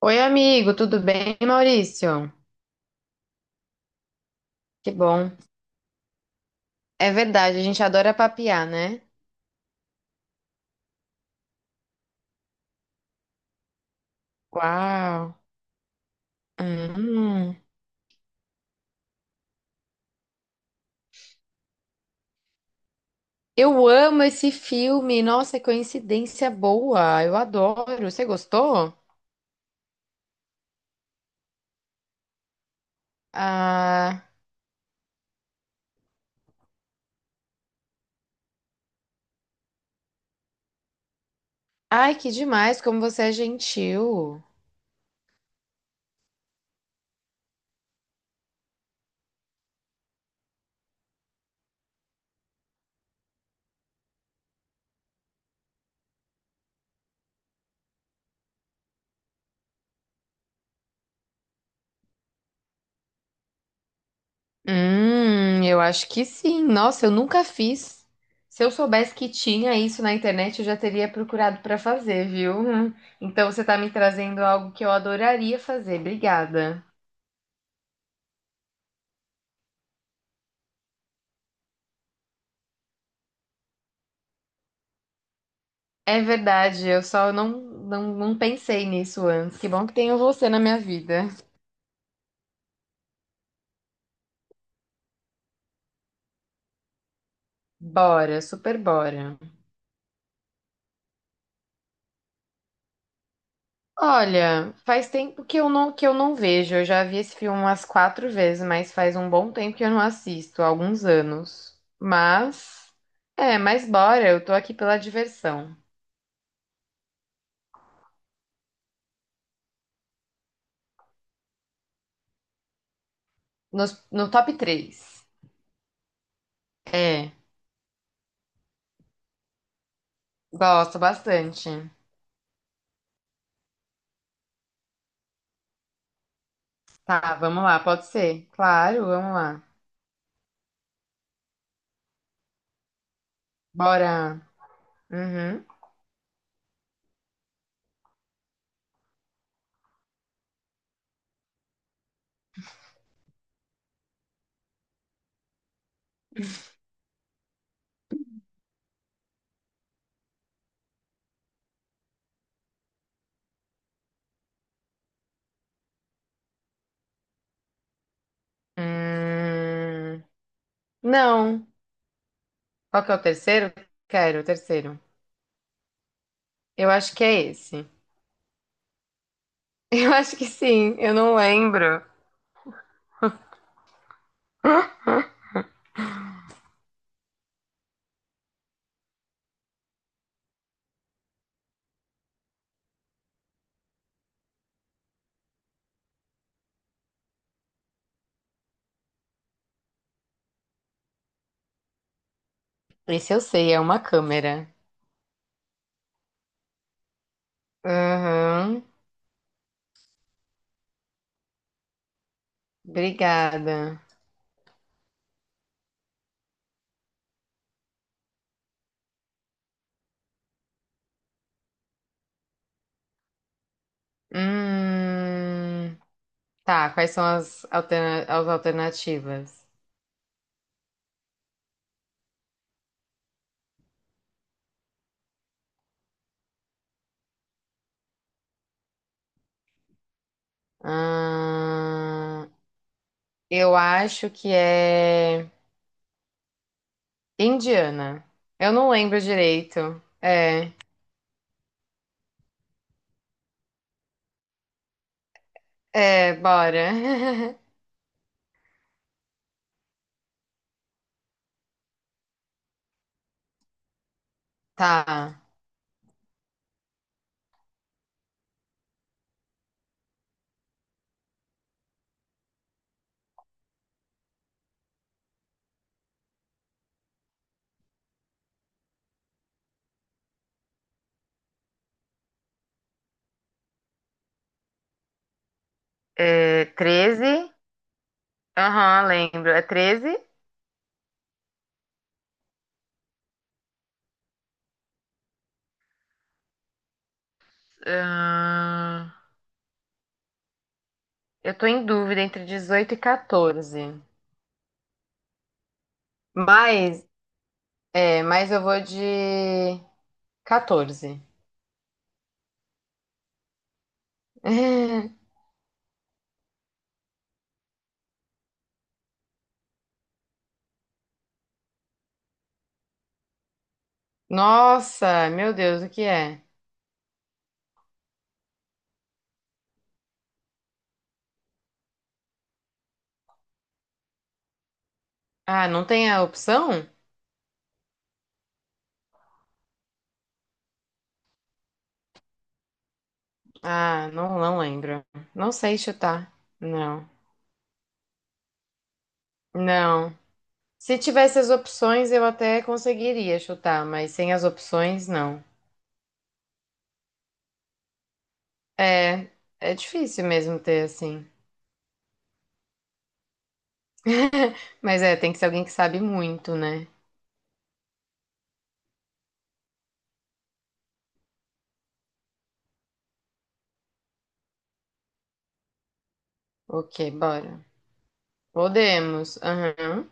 Oi, amigo, tudo bem, Maurício? Que bom. É verdade, a gente adora papiar, né? Uau. Hum. Eu amo esse filme. Nossa, coincidência boa. Eu adoro. Você gostou? Ah, ai, que demais, como você é gentil. Eu acho que sim. Nossa, eu nunca fiz. Se eu soubesse que tinha isso na internet, eu já teria procurado para fazer, viu? Então você tá me trazendo algo que eu adoraria fazer. Obrigada. É verdade, eu só não pensei nisso antes. Que bom que tenho você na minha vida. Bora, super bora. Olha, faz tempo que eu não vejo. Eu já vi esse filme umas quatro vezes, mas faz um bom tempo que eu não assisto, há alguns anos. Mas bora, eu tô aqui pela diversão. No top três. É, gosto bastante. Tá, vamos lá, pode ser? Claro, vamos lá. Bora. Uhum. Hum, Não. Qual que é o terceiro? Quero o terceiro. Eu acho que é esse. Eu acho que sim, eu não lembro. Esse eu sei, é uma câmera. Uhum. Obrigada. Hum, tá, quais são as, alterna- as alternativas? Ah, eu acho que é indiana. Eu não lembro direito. É, Bora. Tá. É treze. Aham, lembro. É 13. Ahn, eu tô em dúvida entre 18 e 14. Mas, mas eu vou de 14. Nossa, meu Deus, o que é? Ah, não tem a opção? Ah, não, não lembro. Não sei chutar. Não. Não. Se tivesse as opções, eu até conseguiria chutar, mas sem as opções, não. É, é difícil mesmo ter assim. Mas é, tem que ser alguém que sabe muito, né? Ok, bora. Podemos. Aham.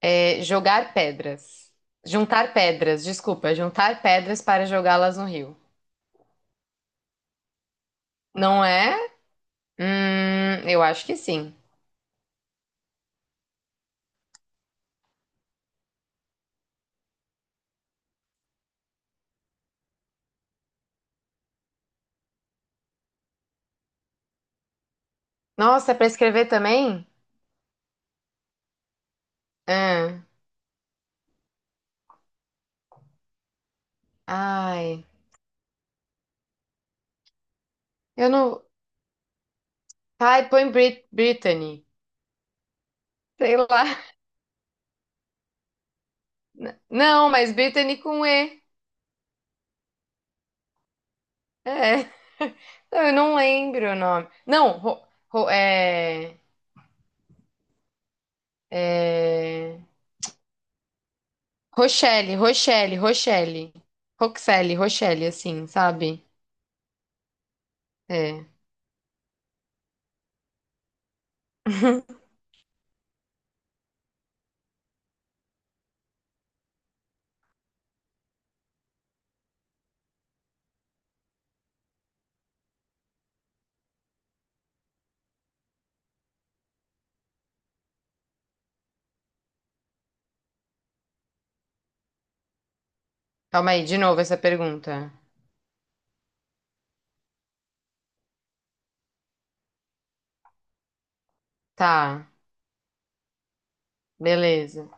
É, jogar pedras. Juntar pedras, desculpa. Juntar pedras para jogá-las no rio. Não é? Eu acho que sim. Nossa, é para escrever também? Ah, ai, eu não. Ai, põe Brittany. Sei lá. Não, mas Brittany com E. É. Não, eu não lembro o nome. Não, ro- ro- É. É. Rochelle, Rochelle, Rochelle. Roxelle, Rochelle, assim, sabe? É. Calma aí, de novo essa pergunta. Tá, beleza.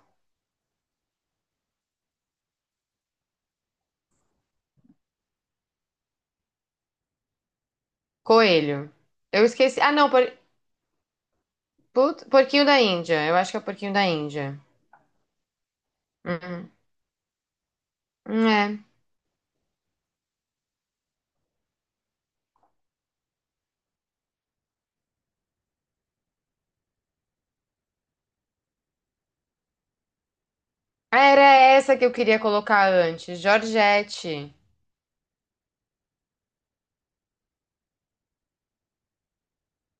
Coelho. Eu esqueci. Ah, não, por... put- Porquinho da Índia. Eu acho que é porquinho da Índia. Uhum. É. Era essa que eu queria colocar antes. Georgette.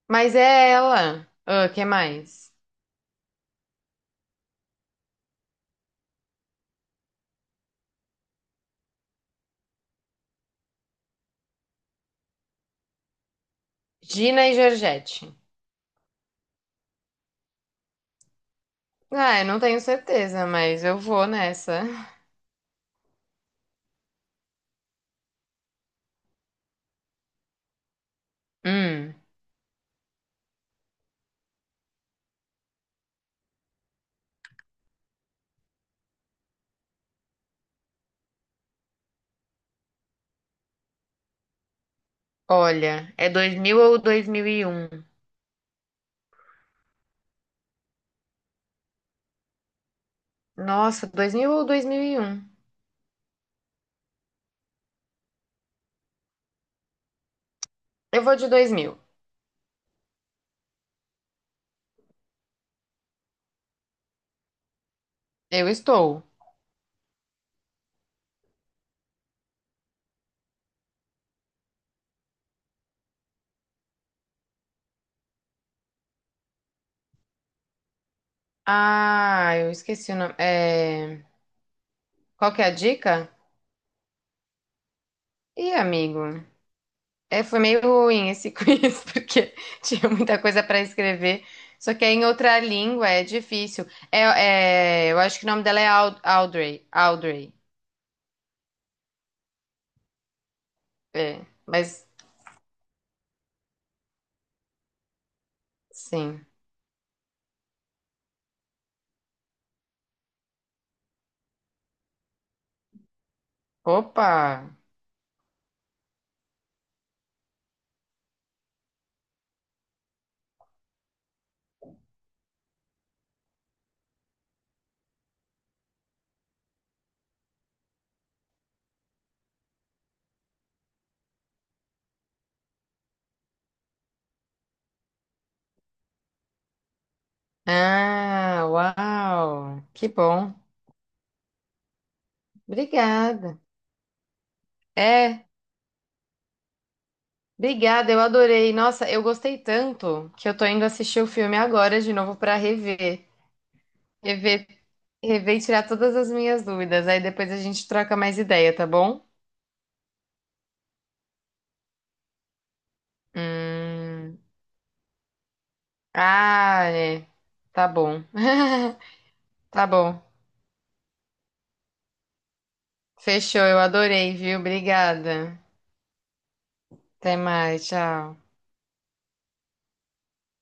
Mas é ela. Ah, que mais? Gina e Georgette. Ah, eu não tenho certeza, mas eu vou nessa. Hum. Olha, é 2000 ou 2001? Nossa, 2000 ou 2001? Eu vou de 2000. Eu estou. Ah, eu esqueci o nome. É... Qual que é a dica? Ih, amigo. É, foi meio ruim esse quiz, porque tinha muita coisa para escrever. Só que é em outra língua, é difícil. Eu acho que o nome dela é Audrey. Audrey. É, mas sim. Opa! Ah, uau! Que bom. Obrigada. É, obrigada, eu adorei. Nossa, eu gostei tanto que eu tô indo assistir o filme agora de novo pra rever. Rever, Rever e tirar todas as minhas dúvidas. Aí depois a gente troca mais ideia, tá bom? Hum. Ah, é. Tá bom. Tá bom. Fechou, eu adorei, viu? Obrigada. Até mais, tchau.